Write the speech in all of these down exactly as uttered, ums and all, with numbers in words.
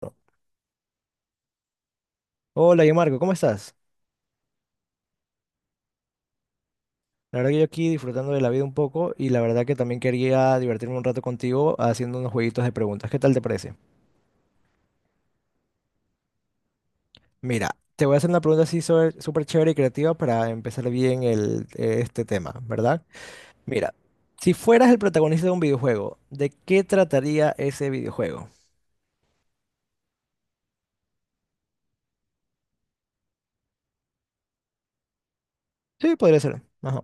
Bueno, hola, yo Marco, ¿cómo estás? La verdad que yo aquí disfrutando de la vida un poco y la verdad que también quería divertirme un rato contigo haciendo unos jueguitos de preguntas. ¿Qué tal te parece? Mira, te voy a hacer una pregunta así sobre- súper chévere y creativa para empezar bien el, eh, este tema, ¿verdad? Mira, si fueras el protagonista de un videojuego, ¿de qué trataría ese videojuego? Sí, podría ser. Ajá.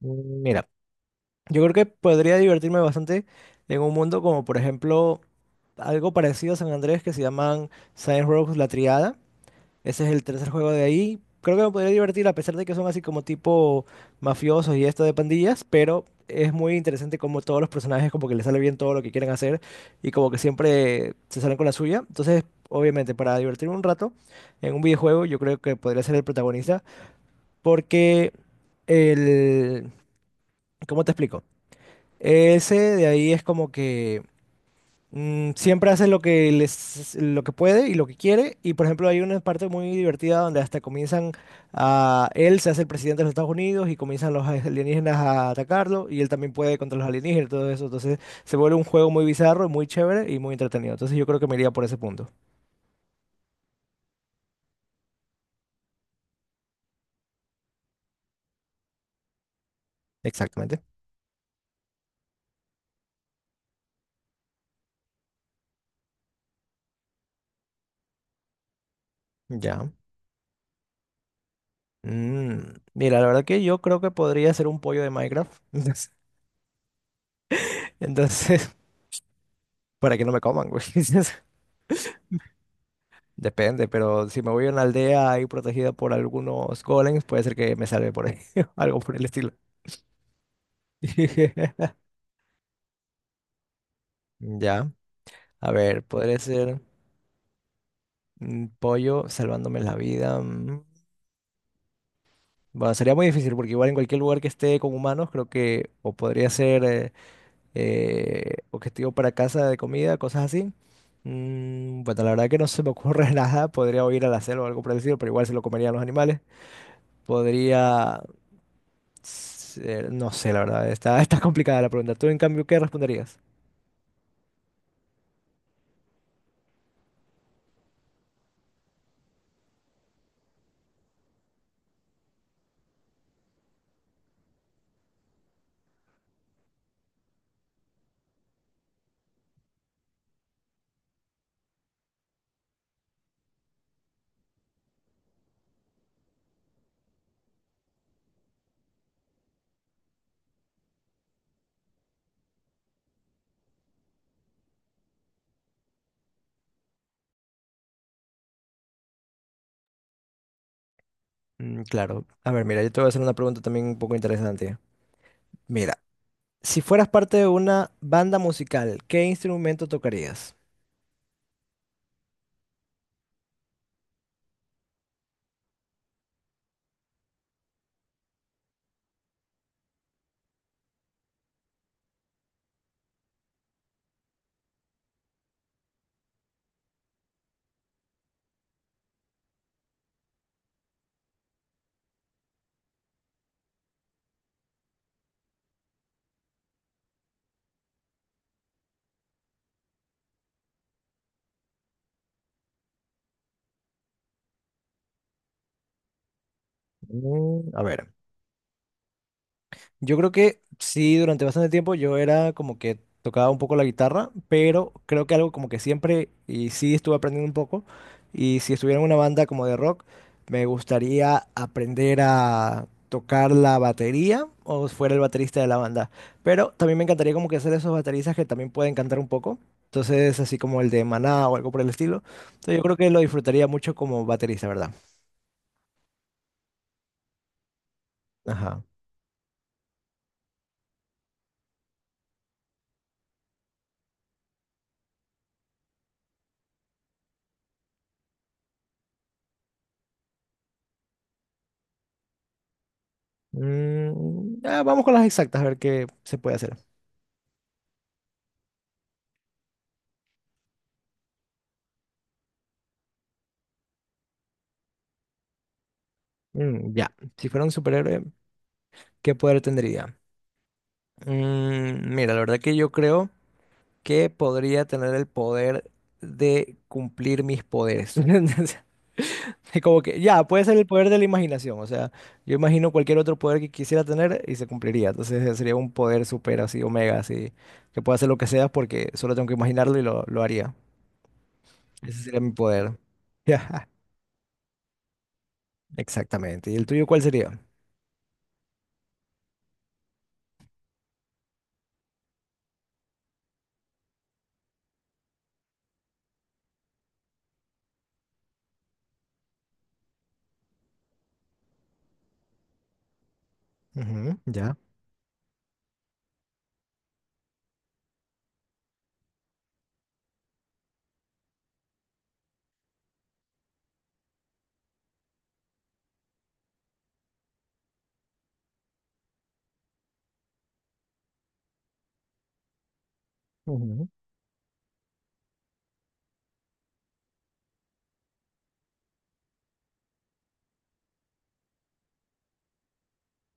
Mm, mira, yo creo que podría divertirme bastante en un mundo como por ejemplo algo parecido a San Andrés que se llaman Science Row La Triada. Ese es el tercer juego de ahí. Creo que me podría divertir a pesar de que son así como tipo mafiosos y esto de pandillas, pero es muy interesante como todos los personajes como que les sale bien todo lo que quieren hacer y como que siempre se salen con la suya. Entonces, obviamente, para divertirme un rato en un videojuego, yo creo que podría ser el protagonista porque el... ¿Cómo te explico? Ese de ahí es como que... Mm, siempre hace lo que les, lo que puede y lo que quiere. Y por ejemplo, hay una parte muy divertida donde hasta comienzan a él se hace el presidente de los Estados Unidos y comienzan los alienígenas a atacarlo y él también puede contra los alienígenas y todo eso. Entonces se vuelve un juego muy bizarro, muy chévere y muy entretenido. Entonces yo creo que me iría por ese punto. Exactamente. Ya. Mm, mira, la verdad que yo creo que podría ser un pollo de Minecraft. Entonces, para que no me coman, güey. Depende, pero si me voy a una aldea ahí protegida por algunos golems, puede ser que me salve por ahí, algo por el estilo. Ya, a ver, podría ser un pollo salvándome la vida. Mm. Bueno, sería muy difícil porque igual en cualquier lugar que esté con humanos, creo que o podría ser eh, eh, objetivo para casa de comida, cosas así. Mm, bueno, la verdad que no se me ocurre nada. Podría o ir a la selva o algo por el estilo, pero igual se lo comerían los animales. Podría eh, no sé, la verdad, está, está complicada la pregunta. ¿Tú, en cambio, qué responderías? Mm, claro. A ver, mira, yo te voy a hacer una pregunta también un poco interesante. Mira, si fueras parte de una banda musical, ¿qué instrumento tocarías? Mm, a ver. Yo creo que sí, durante bastante tiempo yo era como que tocaba un poco la guitarra, pero creo que algo como que siempre, y sí estuve aprendiendo un poco, y si estuviera en una banda como de rock, me gustaría aprender a tocar la batería o fuera el baterista de la banda. Pero también me encantaría como que hacer esos bateristas que también pueden cantar un poco. Entonces, así como el de Maná o algo por el estilo. Entonces, yo creo que lo disfrutaría mucho como baterista, ¿verdad? Ajá. Mm, ah, vamos con las exactas, a ver qué se puede hacer. Mm, ya, si fuera un superhéroe, ¿qué poder tendría? Mm, mira, la verdad que yo creo que podría tener el poder de cumplir mis poderes. Es como que ya, puede ser el poder de la imaginación. O sea, yo imagino cualquier otro poder que quisiera tener y se cumpliría. Entonces eh, sería un poder super así, omega, así, que pueda hacer lo que sea porque solo tengo que imaginarlo y lo, lo haría. Ese sería mi poder. Exactamente. ¿Y el tuyo cuál sería? Ujú, ya.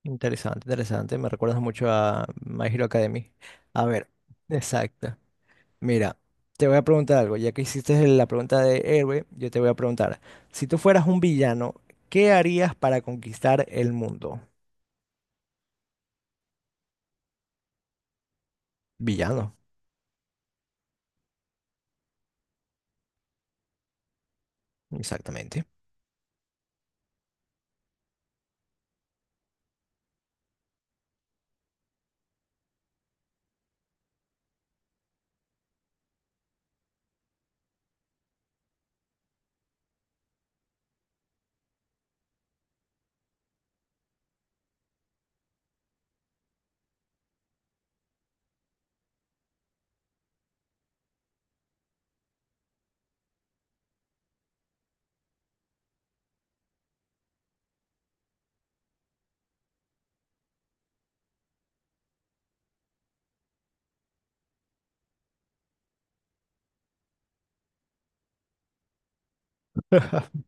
Interesante, interesante. Me recuerdas mucho a My Hero Academy. A ver, exacto. Mira, te voy a preguntar algo. Ya que hiciste la pregunta de héroe, yo te voy a preguntar. Si tú fueras un villano, ¿qué harías para conquistar el mundo? Villano, exactamente.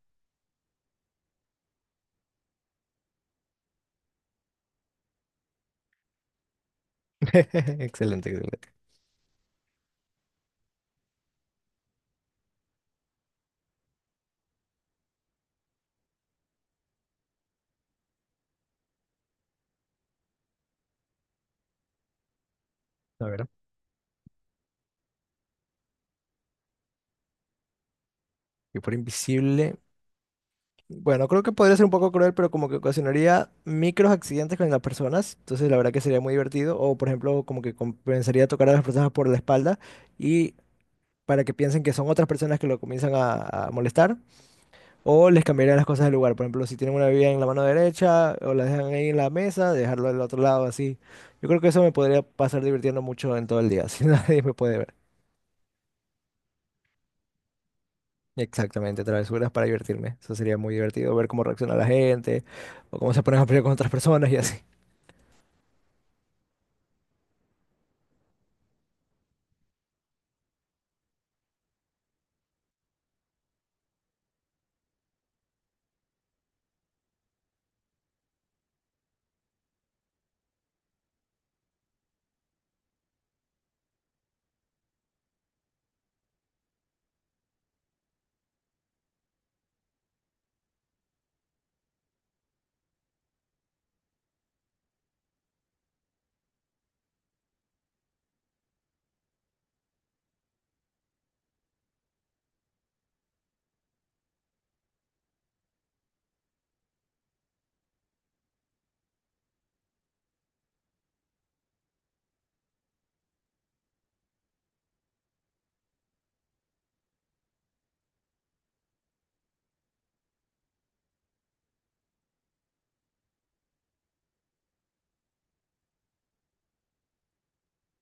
Excelente, excelente. A ver. Y por invisible. Bueno, creo que podría ser un poco cruel, pero como que ocasionaría micros accidentes con las personas. Entonces, la verdad que sería muy divertido. O, por ejemplo, como que compensaría tocar a las personas por la espalda. Y para que piensen que son otras personas que lo comienzan a, a molestar, o les cambiarían las cosas de lugar. Por ejemplo, si tienen una bebida en la mano derecha o la dejan ahí en la mesa, dejarlo del otro lado así. Yo creo que eso me podría pasar divirtiendo mucho en todo el día, si nadie me puede ver. Exactamente, travesuras para divertirme. Eso sería muy divertido, ver cómo reacciona la gente o cómo se ponen a pelear con otras personas y así.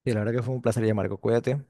Y la verdad que fue un placer, Marco. Cuídate.